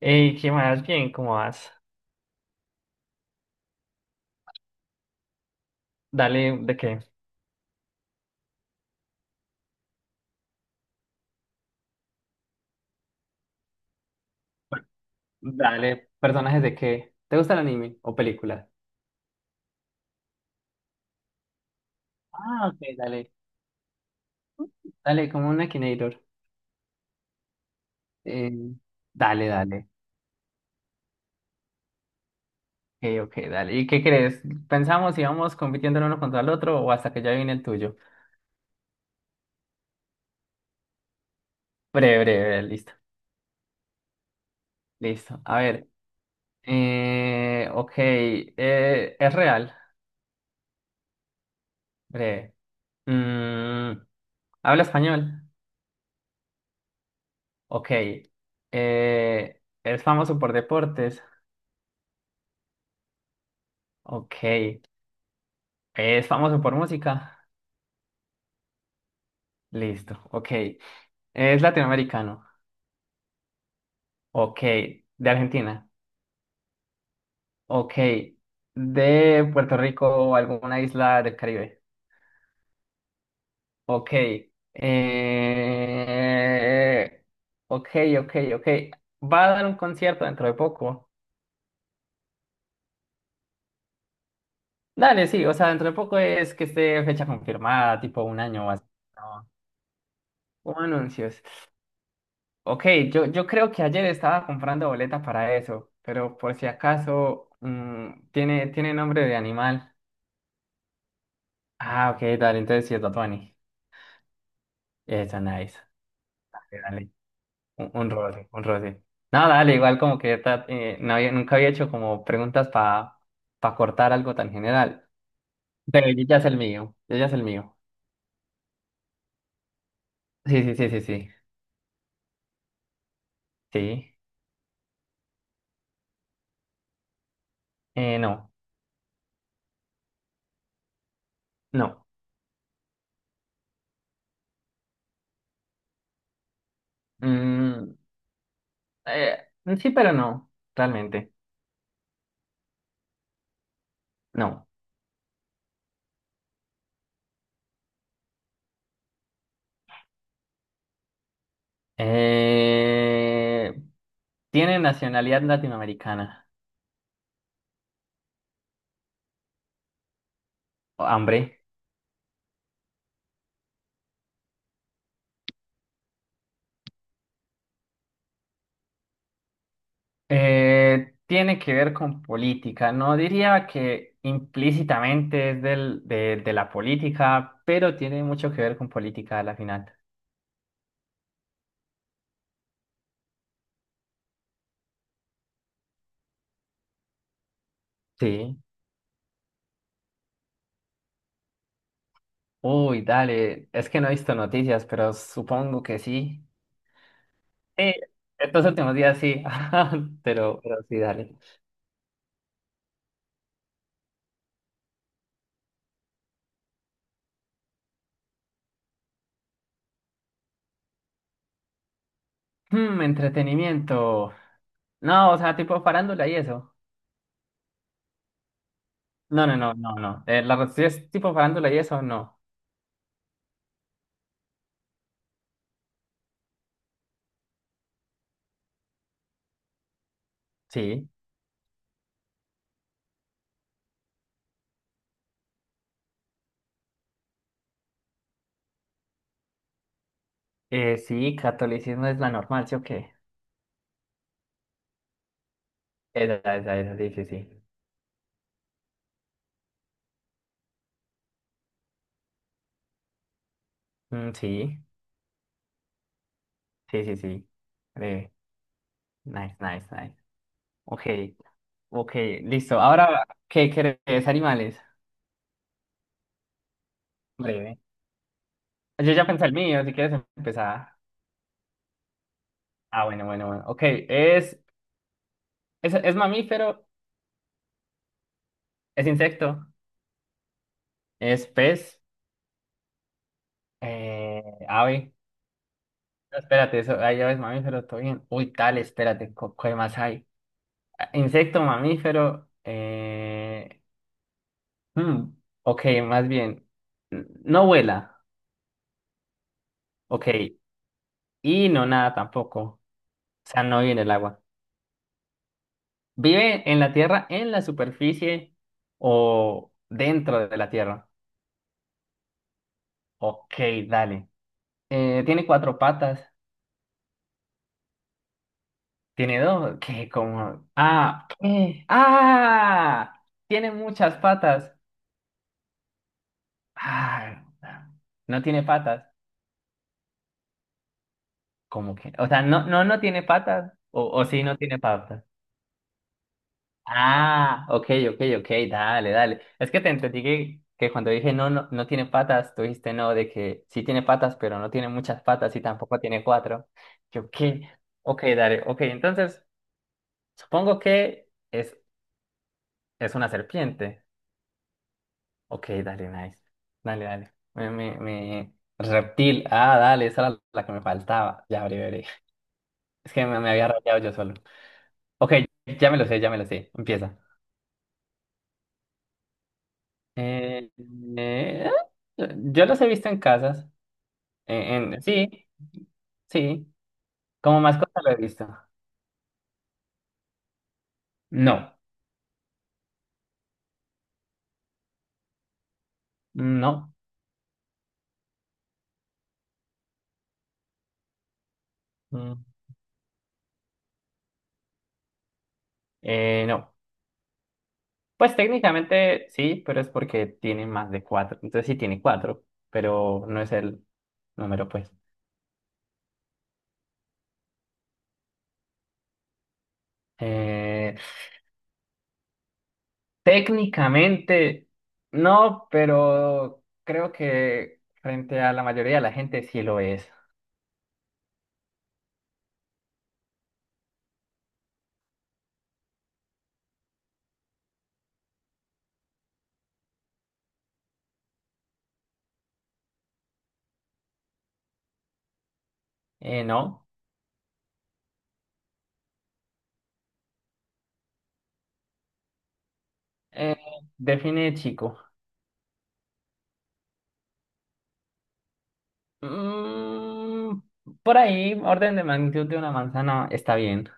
Ey, ¿qué más? Bien, ¿cómo vas? Dale, ¿de qué? Dale, personajes de qué. ¿Te gusta el anime o película? Ah, ok, dale. Dale, como una Akinator. Eh, Dale, dale. Ok, ok, dale. ¿Y qué crees? ¿Pensamos si vamos compitiendo el uno contra el otro o hasta que ya viene el tuyo? Breve, breve, breve, listo. Listo. A ver. Ok. ¿Es real? Breve. Mm, ¿Habla español? Ok. ¿Es famoso por deportes? Ok. ¿Es famoso por música? Listo. Ok. ¿Es latinoamericano? Ok. ¿De Argentina? Ok. ¿De Puerto Rico o alguna isla del Caribe? Ok. Eh... Ok, ok, ok. ¿Va a dar un concierto dentro de poco? Dale, sí. O sea, dentro de poco es que esté fecha confirmada, tipo un año o así. No. O anuncios. Ok, yo creo que ayer estaba comprando boleta para eso, pero por si acaso tiene nombre de animal. Ah, ok, dale, entonces sí es Bad Bunny. Eso, nice. Dale, dale. Un roce, un roce. No, dale, igual como que nunca había hecho como preguntas para cortar algo tan general. Pero yo ya es el mío, yo ya es el mío. Sí, sí, sí, sí, sí. Sí. No, no. Mm, eh, sí, pero no, realmente. No. Eh, Tiene nacionalidad latinoamericana. Hombre. Tiene que ver con política. No diría que implícitamente es del, de la política, pero tiene mucho que ver con política a la final. Sí. Uy, dale. Es que no he visto noticias, pero supongo que sí. Sí, estos últimos días sí. Pero sí, dale. Entretenimiento. No, o sea, tipo farándula y eso. No, no, no, no, no. La cuestión es tipo farándula y eso, no. Sí. Sí, catolicismo es la normal, ¿sí o qué? Esa, sí, sí, sí. Mm, sí, sí, sí, sí. Eh, Nice, nice, nice. Ok, ok, listo. Ahora, ¿qué querés, animales? Breve. Yo ya pensé el mío, si quieres empezar. Ah, bueno, bueno, bueno. Ok, es mamífero, es insecto, es pez, ave. No, espérate, eso, hay aves mamíferos, todo bien. Uy, tal, espérate, ¿qué más hay? Insecto, mamífero. Hmm, ok, más bien. No vuela. Ok. Y no nada tampoco. O sea, no vive en el agua. ¿Vive en la tierra, en la superficie o dentro de la tierra? Ok, dale. Tiene cuatro patas. Tiene dos. ¿Qué? Como. Ah, ¿qué? ¡Ah! Tiene muchas patas. Ah, no tiene patas. ¿Cómo que? O sea, no, no, no tiene patas. O sí, no tiene patas. Ah, ok, ok, ok, dale, dale. Es que te entendí que cuando dije no, no, no tiene patas, tú dijiste no, de que sí tiene patas, pero no tiene muchas patas y tampoco tiene cuatro. Yo, ¿qué? Ok, dale, ok. Entonces, supongo que es una serpiente. Ok, dale, nice. Dale, dale. Reptil. Ah, dale, esa era la que me faltaba. Ya, breve, breve. Es que me había rayado yo solo. Ok, ya me lo sé, ya me lo sé. Empieza. Eh, eh, yo los he visto en casas. Sí, sí. Como mascota lo he visto. No, no. mm, no. Pues técnicamente sí, pero es porque tiene más de cuatro. Entonces sí tiene cuatro, pero no es el número, pues. Eh, Técnicamente no, pero creo que frente a la mayoría de la gente sí lo es. No. Eh, Define chico. Mm, por ahí, orden de magnitud de una manzana está bien.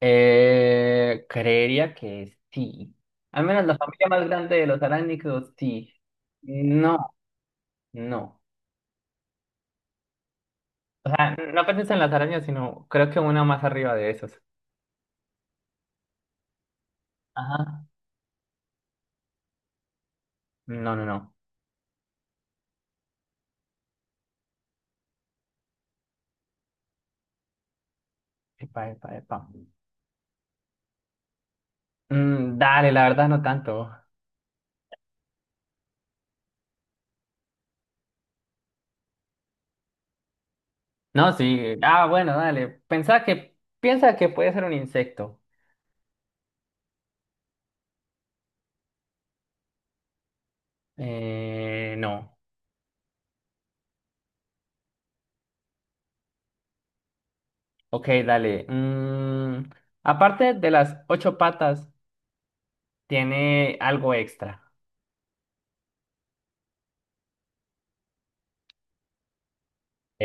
Creería que sí. Al menos la familia más grande de los arácnidos, sí. No, no. O sea, no pensé en las arañas, sino creo que una más arriba de esos. Ajá. No, no, no. Epa, epa, epa. Mm, dale, la verdad no tanto. No, sí. Ah, bueno, dale. Piensa que puede ser un insecto. No. Ok, dale. Aparte de las ocho patas, tiene algo extra.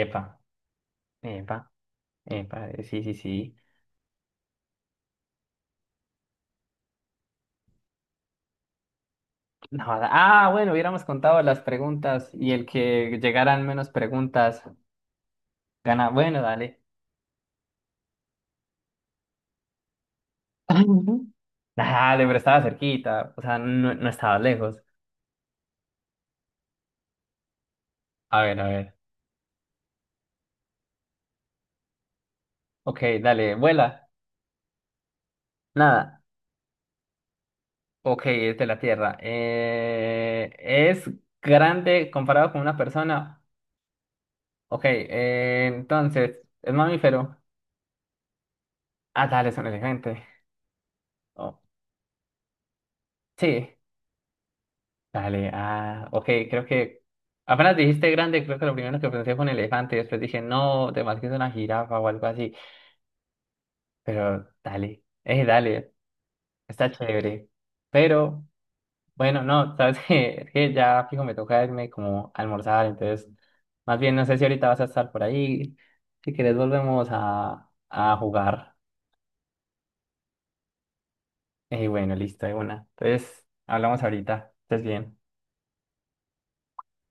Epa, epa, epa, sí, sí, sí. No, ah, bueno, hubiéramos contado las preguntas y el que llegaran menos preguntas gana. Bueno, dale. Dale, pero estaba cerquita, o sea, no, no estaba lejos. A ver, a ver. Ok, dale, vuela. Nada. Ok, es de la Tierra. ¿Es grande comparado con una persona? Ok, entonces, ¿es mamífero? Ah, dale, es un elefante. Oh, sí, dale, ah, ok, creo que apenas dijiste grande, creo que lo primero que pensé fue un elefante, y después dije, no, de más que es una jirafa o algo así, pero dale, dale, está chévere. Pero, bueno, no, sabes que, es que ya fijo me toca irme como a almorzar, entonces, más bien no sé si ahorita vas a estar por ahí, si quieres volvemos a jugar. Bueno, listo, de una. Entonces, hablamos ahorita. Estés bien.